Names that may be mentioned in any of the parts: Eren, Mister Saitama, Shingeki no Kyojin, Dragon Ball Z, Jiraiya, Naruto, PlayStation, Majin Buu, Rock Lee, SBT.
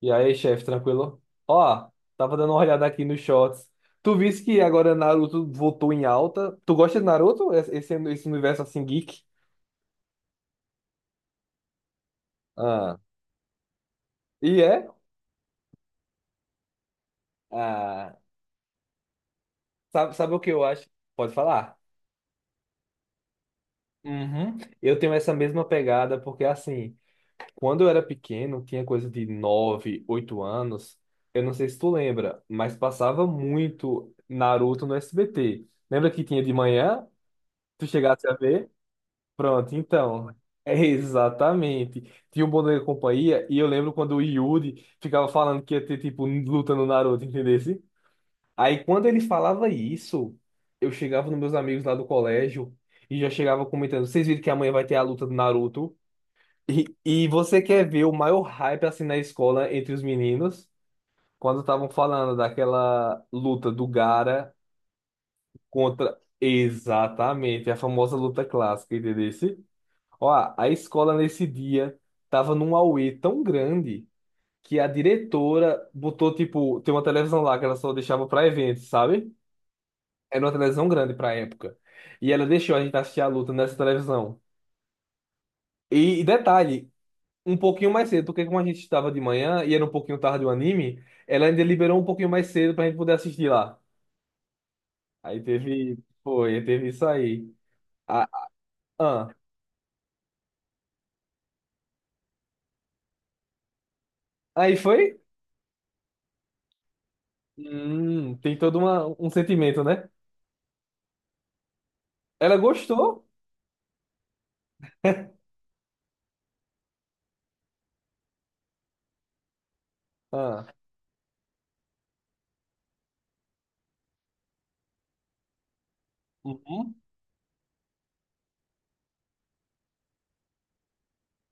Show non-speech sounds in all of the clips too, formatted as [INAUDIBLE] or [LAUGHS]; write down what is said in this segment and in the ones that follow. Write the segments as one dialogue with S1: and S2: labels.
S1: E aí, chefe, tranquilo? Ó, tava dando uma olhada aqui nos shorts. Tu viste que agora Naruto voltou em alta? Tu gosta de Naruto? Esse universo assim geek? Ah. E é? Ah, sabe o que eu acho? Pode falar. Uhum. Eu tenho essa mesma pegada, porque assim, quando eu era pequeno, tinha coisa de 9 8 anos. Eu não sei se tu lembra, mas passava muito Naruto no SBT. Lembra que tinha de manhã? Tu chegasse a ver? Pronto, então. É exatamente. Tinha um bom da companhia e eu lembro quando o Yuri ficava falando que ia ter, tipo, luta no Naruto, entendesse? Aí quando ele falava isso, eu chegava nos meus amigos lá do colégio e já chegava comentando: vocês viram que amanhã vai ter a luta do Naruto? E, e você quer ver o maior hype assim na escola entre os meninos? Quando estavam falando daquela luta do Gara contra. Exatamente, a famosa luta clássica, entendeu? Ó, a escola nesse dia tava num auê tão grande que a diretora botou, tipo, tem uma televisão lá que ela só deixava pra eventos, sabe? Era uma televisão grande pra época. E ela deixou a gente assistir a luta nessa televisão. E detalhe, um pouquinho mais cedo, porque como a gente estava de manhã e era um pouquinho tarde o anime, ela ainda liberou um pouquinho mais cedo pra gente poder assistir lá. Aí teve, teve isso aí. Ah, ah. Aí foi? Tem um sentimento, né? Ela gostou. [LAUGHS] Ah, uhum.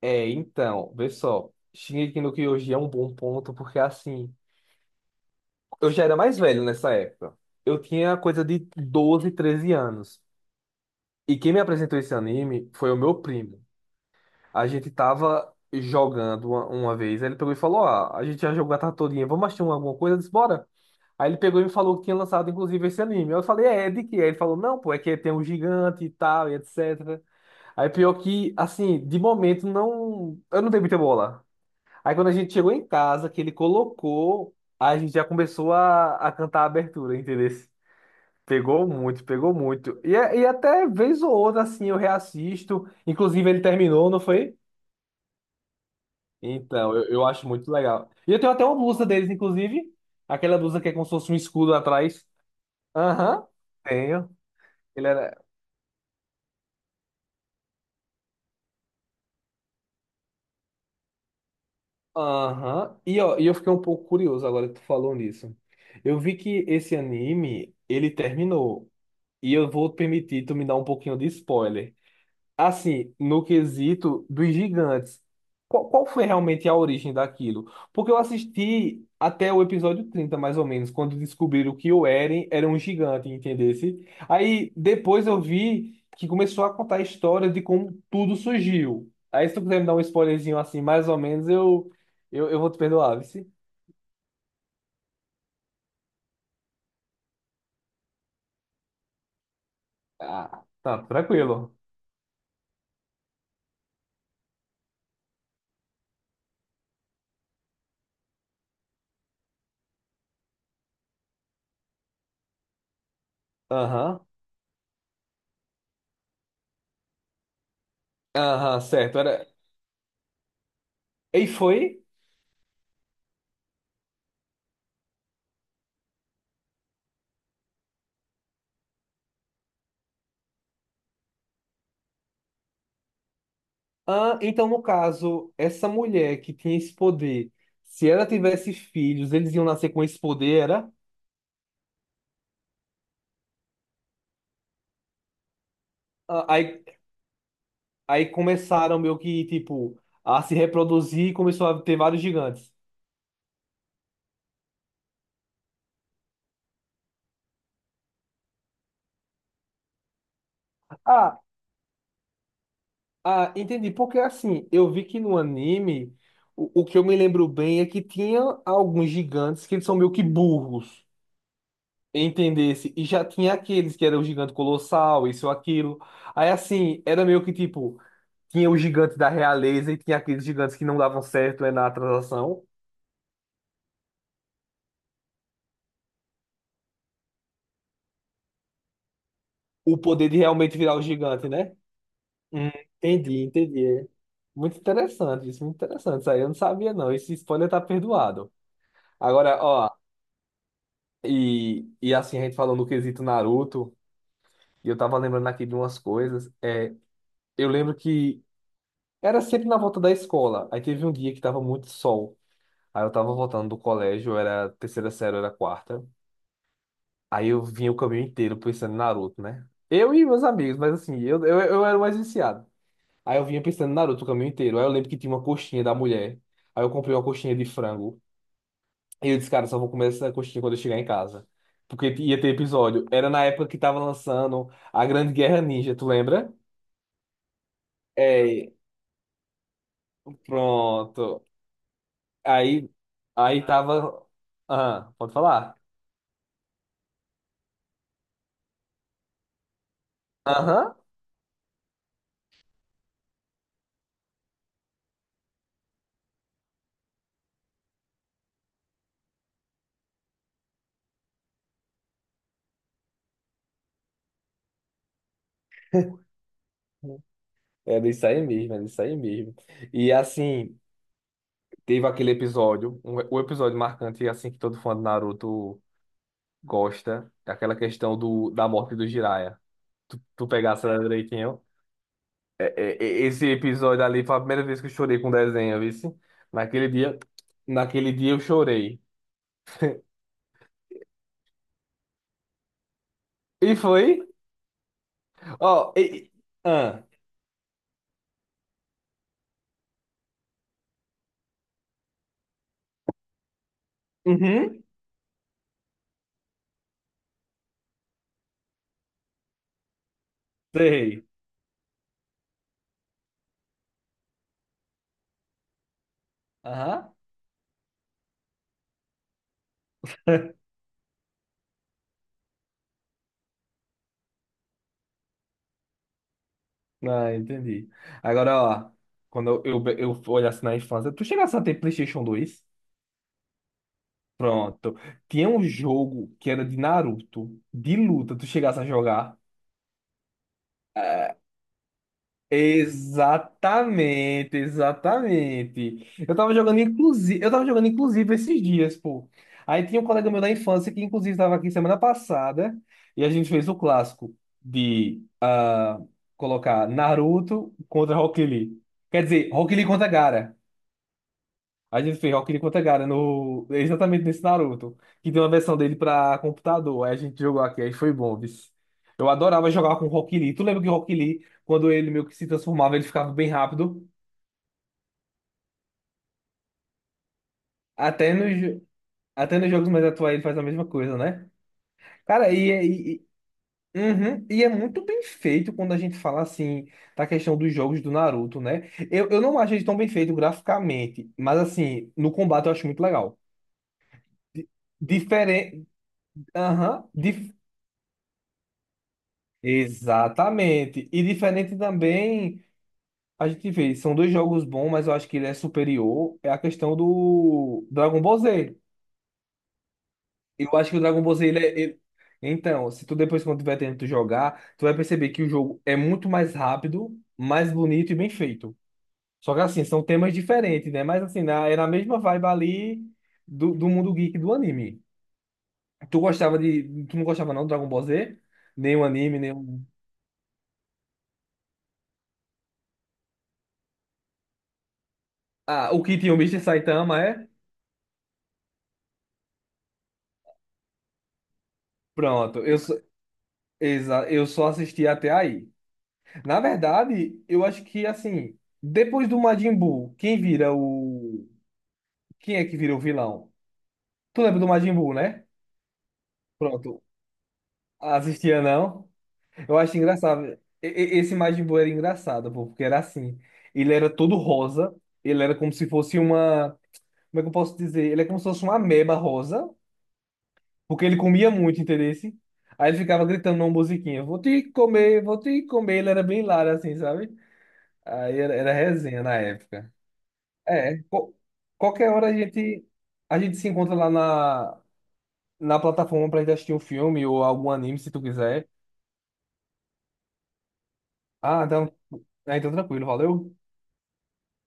S1: É, então, vê só. Shingeki no Kyojin é um bom ponto, porque assim, eu já era mais velho nessa época. Eu tinha coisa de 12, 13 anos. E quem me apresentou esse anime foi o meu primo. A gente tava jogando uma vez, aí ele pegou e falou: Ah, a gente já jogou a tarde todinha, vamos alguma coisa? Eu disse, bora. Aí ele pegou e me falou que tinha lançado, inclusive, esse anime. Eu falei, é de quê? Aí ele falou, não, pô, é que tem um gigante e tal, e etc. Aí pior que, assim, de momento, não. Eu não dei muita bola. Aí quando a gente chegou em casa, que ele colocou, a gente já começou a cantar a abertura, entendeu? Pegou muito, pegou muito. E até vez ou outra, assim, eu reassisto. Inclusive, ele terminou, não foi? Então, eu acho muito legal. E eu tenho até uma blusa deles, inclusive. Aquela blusa que é como se fosse um escudo atrás. Aham, tenho. Ele era. Aham. E, ó, e eu fiquei um pouco curioso agora que tu falou nisso. Eu vi que esse anime, ele terminou. E eu vou permitir tu me dar um pouquinho de spoiler. Assim, no quesito dos gigantes, qual foi realmente a origem daquilo? Porque eu assisti até o episódio 30 mais ou menos, quando descobriram que o Eren era um gigante, entendesse? Aí depois eu vi que começou a contar a história de como tudo surgiu. Aí se tu quiser me dar um spoilerzinho assim, mais ou menos, eu vou te perdoar, vice. Ah, tá, tranquilo. Aham, aham, certo. Era... E foi? Ah, então, no caso, essa mulher que tinha esse poder, se ela tivesse filhos, eles iam nascer com esse poder, era? Ah, aí, aí começaram meio que, tipo, a se reproduzir e começou a ter vários gigantes. Ah, ah, entendi. Porque, assim, eu vi que no anime, o que eu me lembro bem é que tinha alguns gigantes que eles são meio que burros, entendesse? E já tinha aqueles que eram o gigante colossal, isso ou aquilo. Aí, assim, era meio que, tipo... tinha os gigantes da realeza e tinha aqueles gigantes que não davam certo, né, na transação. O poder de realmente virar o gigante, né? Hum, entendi, entendi. É muito interessante isso, muito interessante. Isso aí eu não sabia, não. Esse spoiler tá perdoado. Agora, ó, e assim, a gente falou no quesito Naruto, e eu tava lembrando aqui de umas coisas. É, eu lembro que era sempre na volta da escola. Aí teve um dia que tava muito sol. Aí eu tava voltando do colégio, era terceira série, era quarta. Aí eu vinha o caminho inteiro pensando em Naruto, né? Eu e meus amigos, mas assim, eu era o mais viciado. Aí eu vinha pensando em Naruto o caminho inteiro. Aí eu lembro que tinha uma coxinha da mulher. Aí eu comprei uma coxinha de frango. E eu disse, cara, só vou comer essa coxinha quando eu chegar em casa. Porque ia ter episódio. Era na época que tava lançando a Grande Guerra Ninja, tu lembra? É, pronto. Aí, aí tava. Aham, pode falar? Aham. Era isso aí mesmo, era isso aí mesmo. E assim. Teve aquele episódio, um- O episódio marcante, assim, que todo fã do Naruto gosta, é aquela questão do, da morte do Jiraiya. Tu pegasse ela direitinho. Esse episódio ali foi a primeira vez que eu chorei com desenho, vice. Naquele dia, naquele dia eu chorei. E foi? Ó, e- e- ah, uhum, sei. Aham. [LAUGHS] Ah, entendi. Agora, ó, quando eu olhasse na infância, tu chegasse a ter PlayStation dois. Pronto. Tinha um jogo que era de Naruto, de luta, tu chegasse a jogar. Exatamente, exatamente. Eu tava jogando, inclusive, eu tava jogando, inclusive, esses dias, pô. Aí tinha um colega meu da infância que, inclusive, estava aqui semana passada, e a gente fez o clássico de ah, colocar Naruto contra Rock Lee. Quer dizer, Rock Lee contra Gara. A gente fez Rock Lee contra Gaara no... exatamente nesse Naruto, que tem uma versão dele pra computador. Aí a gente jogou aqui, aí foi bom, vice. Eu adorava jogar com o Rock Lee. Tu lembra que o Rock Lee, quando ele meio que se transformava, ele ficava bem rápido? Até nos, até nos jogos mais atuais ele faz a mesma coisa, né? Cara, e é muito bem feito quando a gente fala assim da questão dos jogos do Naruto, né? Eu não acho ele tão bem feito graficamente, mas assim, no combate eu acho muito legal. Diferente. Aham. Exatamente. E diferente também, a gente vê, são dois jogos bons, mas eu acho que ele é superior, é a questão do Dragon Ball Z. Eu acho que o Dragon Ball Z, Então, se tu depois, quando tiver tempo de jogar, tu vai perceber que o jogo é muito mais rápido, mais bonito e bem feito. Só que assim, são temas diferentes, né? Mas assim, é na mesma vibe ali do mundo geek do anime. Tu gostava de... Tu não gostava não do Dragon Ball Z? Nem o anime, nem o... Ah, o que tinha o Mister Saitama, é? Pronto, eu, Exa Eu só assisti até aí. Na verdade, eu acho que assim, depois do Majin Buu, quem vira o. Quem é que vira o vilão? Tu lembra do Majin Buu, né? Pronto. Assistia não? Eu acho engraçado. Esse Majin Buu era engraçado, pô, porque era assim. Ele era todo rosa. Ele era como se fosse uma. Como é que eu posso dizer? Ele é como se fosse uma ameba rosa. Porque ele comia muito, entendeu? Aí ele ficava gritando uma musiquinha: Vou te comer, vou te comer. Ele era bem hilário, assim, sabe? Era resenha na época. É, qual- Qualquer hora a gente se encontra lá na plataforma pra gente assistir um filme ou algum anime, se tu quiser. Ah, então, ah, então tranquilo, valeu.